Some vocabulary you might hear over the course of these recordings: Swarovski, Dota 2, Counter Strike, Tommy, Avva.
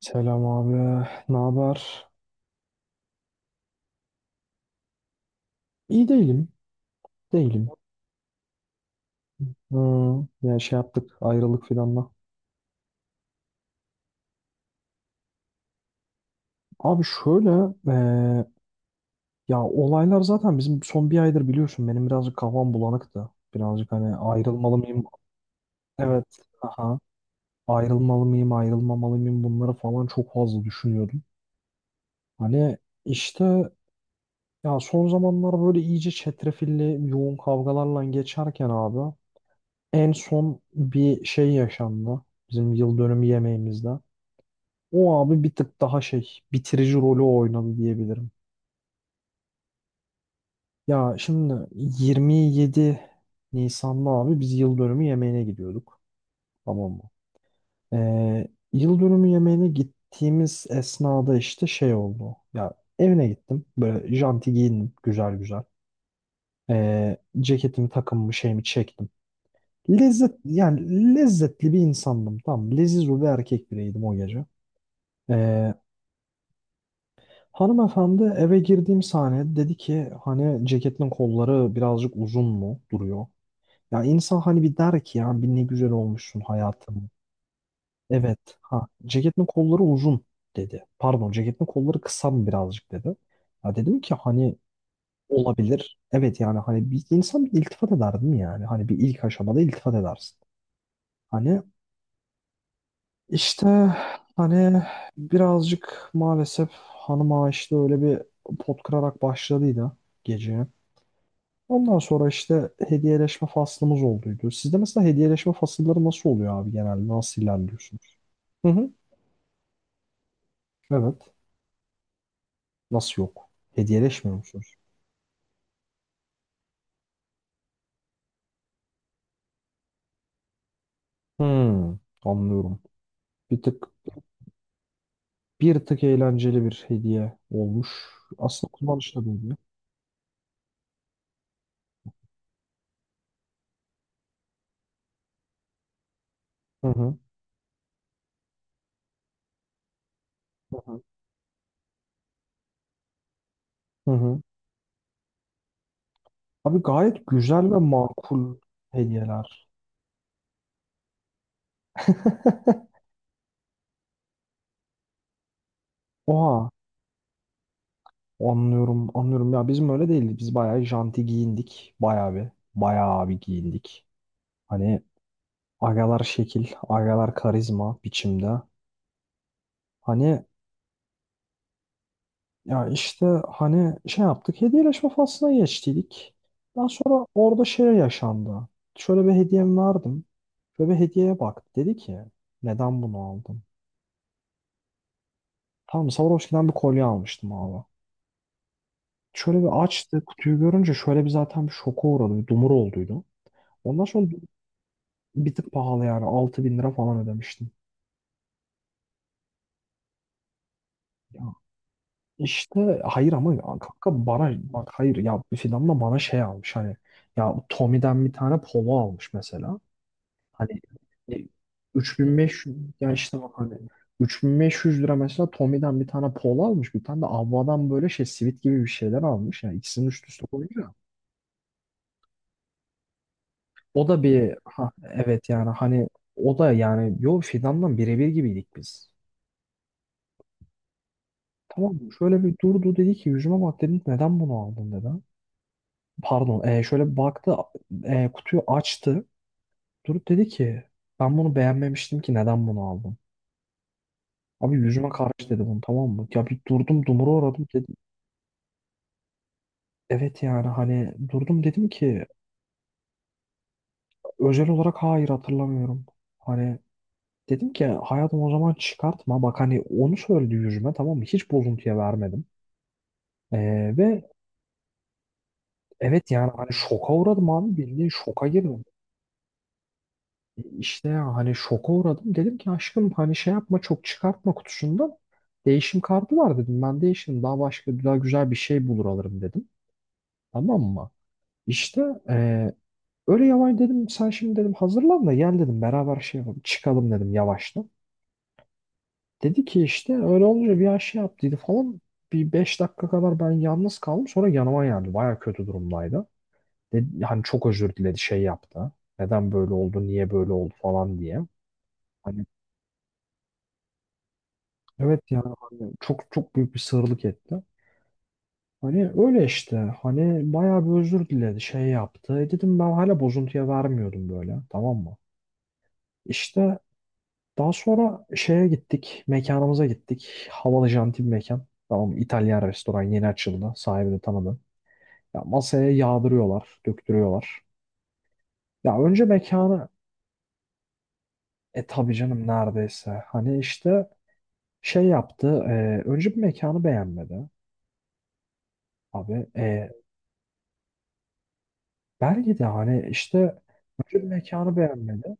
Selam abi. Ne haber? İyi değilim. Değilim. Yani şey yaptık. Ayrılık filanla. Abi şöyle ya olaylar zaten bizim son bir aydır biliyorsun, benim birazcık kafam bulanıktı. Birazcık hani ayrılmalı mıyım? Evet. Aha. Ayrılmalı mıyım? Ayrılmamalı mıyım? Bunları falan çok fazla düşünüyordum. Hani işte ya son zamanlar böyle iyice çetrefilli yoğun kavgalarla geçerken abi en son bir şey yaşandı. Bizim yıl dönümü yemeğimizde. O abi bir tık daha şey bitirici rolü oynadı diyebilirim. Ya şimdi 27 Nisan'da abi biz yıl dönümü yemeğine gidiyorduk. Tamam mı? Ee, Yıl dönümü yemeğine gittiğimiz esnada işte şey oldu. Ya evine gittim. Böyle janti giyindim. Güzel güzel. Ceketimi, takımımı, şeyimi çektim. Lezzet, yani lezzetli bir insandım. Tamam mı? Leziz bir erkek bireydim o gece. Ee, Hanımefendi, eve girdiğim sahne, dedi ki hani ceketin kolları birazcık uzun mu duruyor? Ya insan hani bir der ki ya bir, ne güzel olmuşsun hayatım. Evet, ha, ceketin kolları uzun dedi. Pardon, ceketin kolları kısa mı birazcık dedi. Ya dedim ki hani olabilir. Evet, yani hani bir insan bir iltifat eder değil mi yani? Hani bir ilk aşamada iltifat edersin. Hani işte hani birazcık maalesef hanıma işte öyle bir pot kırarak başladıydı gece. Ondan sonra işte hediyeleşme faslımız olduydu. Sizde mesela hediyeleşme fasılları nasıl oluyor abi genelde? Nasıl ilerliyorsunuz? Hı hı. Evet. Nasıl yok? Hediyeleşmiyor musunuz? Hmm, Anlıyorum. Bir tık bir tık eğlenceli bir hediye olmuş. Aslında kullanışlı bir hediye. Hı hı. Hı hı. Hı hı. Abi gayet güzel ve makul hediyeler. Oha, anlıyorum, anlıyorum. Ya bizim öyle değildi. Biz bayağı janti giyindik. Bayağı bir giyindik. Hani agalar şekil, agalar karizma biçimde. Hani ya işte hani şey yaptık, hediyeleşme faslına geçtiydik. Daha sonra orada şey yaşandı. Şöyle bir hediyem verdim. Şöyle bir hediyeye bak. Dedi ki neden bunu aldın? Tamam, Swarovski'den bir kolye almıştım abi. Şöyle bir açtı kutuyu, görünce şöyle bir, zaten bir şoka uğradı. Bir dumur olduydu. Ondan sonra bir tık pahalı, yani 6.000 lira falan ödemiştim. İşte hayır ama ya kanka bana bak, hayır ya, Fidan da bana şey almış hani, ya Tommy'den bir tane polo almış mesela. Hani e, 3.500, ya işte bak hani 3.500 lira mesela Tommy'den bir tane polo almış, bir tane de Avva'dan böyle şey sivit gibi bir şeyler almış, yani ikisinin üst üste koyunca. O da bir, ha evet, yani hani o da yani, yo, Fidandan birebir gibiydik biz. Tamam mı? Şöyle bir durdu, dedi ki yüzüme bak, dedim neden bunu aldın dedi. Pardon, şöyle bir baktı, kutuyu açtı. Durup dedi ki, ben bunu beğenmemiştim ki, neden bunu aldım? Abi yüzüme karşı dedi bunu, tamam mı? Ya bir durdum, dumura uğradım dedim. Evet, yani hani durdum, dedim ki özel olarak hayır, hatırlamıyorum. Hani dedim ki hayatım, o zaman çıkartma. Bak hani onu söyledi yüzüme, tamam mı? Hiç bozuntuya vermedim. E, Ve evet, yani hani şoka uğradım abi, bildiğin şoka girdim. İşte ya hani şoka uğradım. Dedim ki aşkım, hani şey yapma, çok çıkartma kutusundan. Değişim kartı var dedim. Ben değişim, daha başka daha güzel bir şey bulur alırım dedim. Tamam mı? İşte eee, öyle yavaş dedim. Sen şimdi dedim hazırlan da gel dedim. Beraber şey yapalım. Çıkalım dedim yavaştan. Dedi ki işte, öyle olunca bir an şey yaptıydı falan. Bir 5 dakika kadar ben yalnız kaldım. Sonra yanıma geldi. Baya kötü durumdaydı. Dedi, hani çok özür diledi, şey yaptı. Neden böyle oldu, niye böyle oldu falan diye. Hani evet, yani hani çok çok büyük bir sığırlık etti. Hani öyle işte, hani bayağı bir özür diledi, şey yaptı. E dedim, ben hala bozuntuya vermiyordum böyle, tamam mı? İşte daha sonra şeye gittik, mekanımıza gittik. Havalı janti bir mekan. Tamam mı? İtalyan restoran, yeni açıldı, sahibini tanıdım. Ya masaya yağdırıyorlar, döktürüyorlar. Ya önce mekanı, e tabii canım neredeyse, hani işte şey yaptı, önce bir mekanı beğenmedi. Abi, belki de hani işte önce bir mekanı beğenmedi.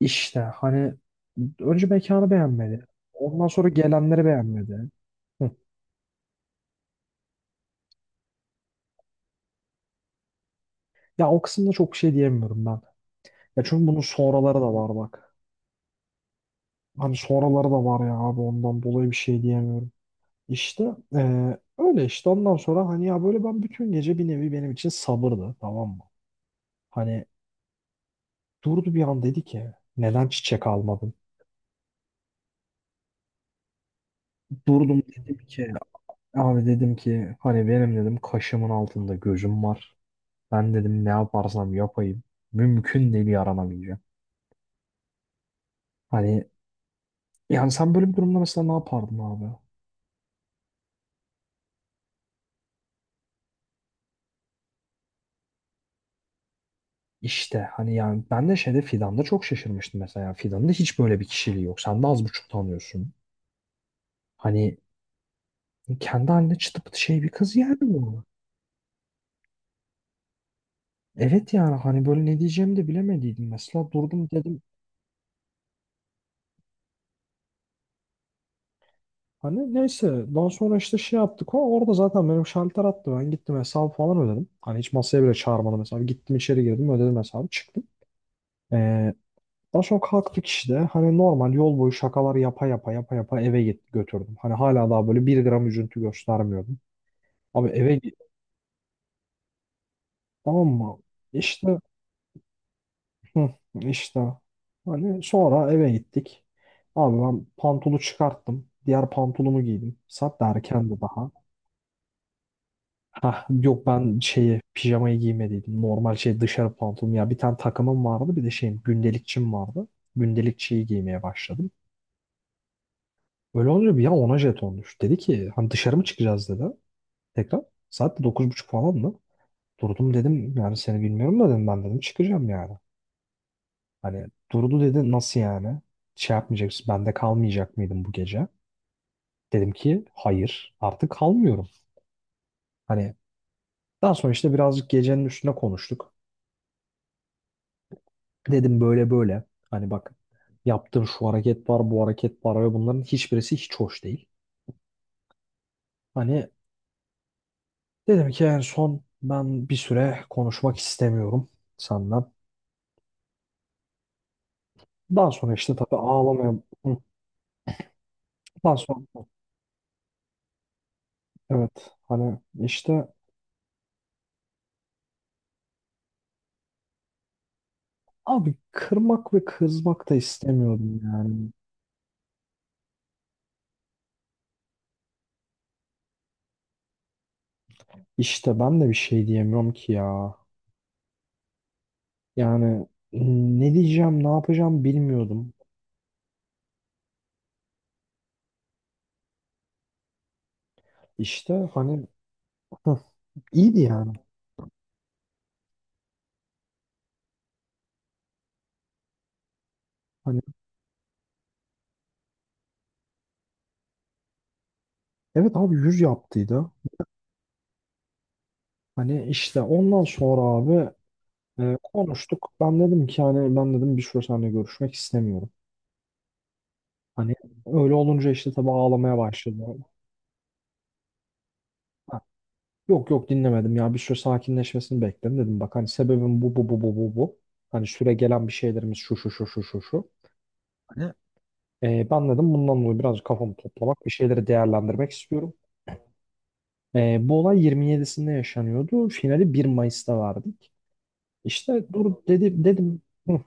İşte hani önce mekanı beğenmedi. Ondan sonra gelenleri beğenmedi. Hı. Ya o kısımda çok şey diyemiyorum ben. Ya çünkü bunun sonraları da var bak. Hani sonraları da var ya abi, ondan dolayı bir şey diyemiyorum. İşte öyle işte ondan sonra hani, ya böyle ben bütün gece bir nevi benim için sabırdı, tamam mı? Hani durdu bir an, dedi ki neden çiçek almadın? Durdum, dedim ki abi, dedim ki hani benim dedim kaşımın altında gözüm var. Ben dedim ne yaparsam yapayım. Mümkün değil, yaranamayacağım. Hani yani sen böyle bir durumda mesela ne yapardın abi? İşte hani yani ben de şeyde, Fidan'da çok şaşırmıştım mesela. Fidan'da hiç böyle bir kişiliği yok. Sen de az buçuk tanıyorsun. Hani kendi haline çıtı pıtı şey bir kız yani bu. Evet, yani hani böyle ne diyeceğimi de bilemediydim. Mesela durdum, dedim hani neyse, daha sonra işte şey yaptık, o orada zaten benim şalter attı, ben gittim hesabı falan ödedim. Hani hiç masaya bile çağırmadım hesabı, gittim içeri girdim, ödedim hesabı, çıktım. Ee, Daha sonra kalktık işte, hani normal yol boyu şakalar yapa yapa yapa yapa eve git, götürdüm. Hani hala daha böyle bir gram üzüntü göstermiyordum. Abi eve gi- tamam mı? İşte hı, işte hani sonra eve gittik. Abi ben pantolu çıkarttım. Diğer pantolumu giydim. Saat de erkendi daha. Ha yok, ben şeyi, pijamayı giymediydim. Normal şey, dışarı pantolon. Ya bir tane takımım vardı, bir de şeyim, gündelikçim vardı. Gündelikçiyi giymeye başladım. Öyle olunca bir an ona jeton düştü. Dedi ki hani dışarı mı çıkacağız dedi. Tekrar. Saat de 9.30 falan mı? Durdum dedim yani seni bilmiyorum da dedim, ben dedim çıkacağım yani. Hani durdu dedi nasıl yani? Şey yapmayacaksın, bende kalmayacak mıydın bu gece? Dedim ki hayır, artık kalmıyorum. Hani daha sonra işte birazcık gecenin üstüne konuştuk. Dedim böyle böyle. Hani bak yaptığın şu hareket var, bu hareket var ve bunların hiçbirisi hiç hoş değil. Hani dedim ki en son, ben bir süre konuşmak istemiyorum senden. Daha sonra işte tabii ağlamaya... Hı. Daha sonra evet, hani işte abi kırmak ve kızmak da istemiyordum yani. İşte ben de bir şey diyemiyorum ki ya. Yani ne diyeceğim, ne yapacağım bilmiyordum. İşte hani, hı, iyiydi yani. Hani evet abi, yüz yaptıydı. Hani işte ondan sonra abi, konuştuk. Ben dedim ki hani ben dedim bir süre seninle görüşmek istemiyorum. Hani öyle olunca işte tabii ağlamaya başladı. Ha, yok yok, dinlemedim, ya bir süre sakinleşmesini bekledim, dedim bak hani sebebim bu, bu, bu, bu, bu, bu. Hani süre gelen bir şeylerimiz şu, şu, şu, şu, şu, şu. Hani ben dedim bundan dolayı biraz kafamı toplamak, bir şeyleri değerlendirmek istiyorum. E, bu olay 27'sinde yaşanıyordu. Finali 1 Mayıs'ta verdik. İşte dur dedi, dedim hı,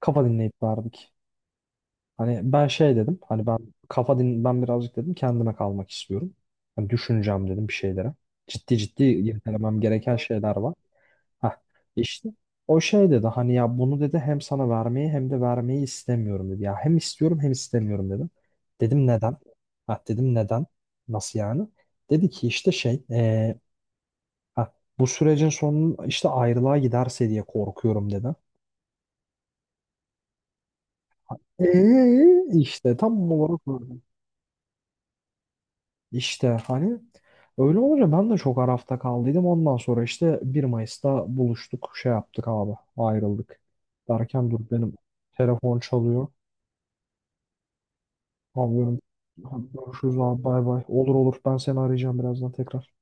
kafa dinleyip verdik. Hani ben şey dedim. Hani ben kafa din, ben birazcık dedim kendime kalmak istiyorum. Hani düşüneceğim dedim bir şeylere. Ciddi ciddi irdelemem gereken şeyler var. Heh, işte o şey dedi hani ya bunu dedi hem sana vermeyi hem de vermeyi istemiyorum dedi. Ya hem istiyorum hem istemiyorum dedim. Dedim neden? Ha dedim neden? Nasıl yani? Dedi ki işte şey ha, bu sürecin sonu işte ayrılığa giderse diye korkuyorum dedi. Eee işte tam olarak öyle. İşte hani öyle olunca ben de çok arafta kaldıydım. Ondan sonra işte 1 Mayıs'ta buluştuk, şey yaptık abi, ayrıldık. Derken dur, benim telefon çalıyor. Abi benim görüşürüz abi, bay bay. Olur olur, ben seni arayacağım birazdan tekrar.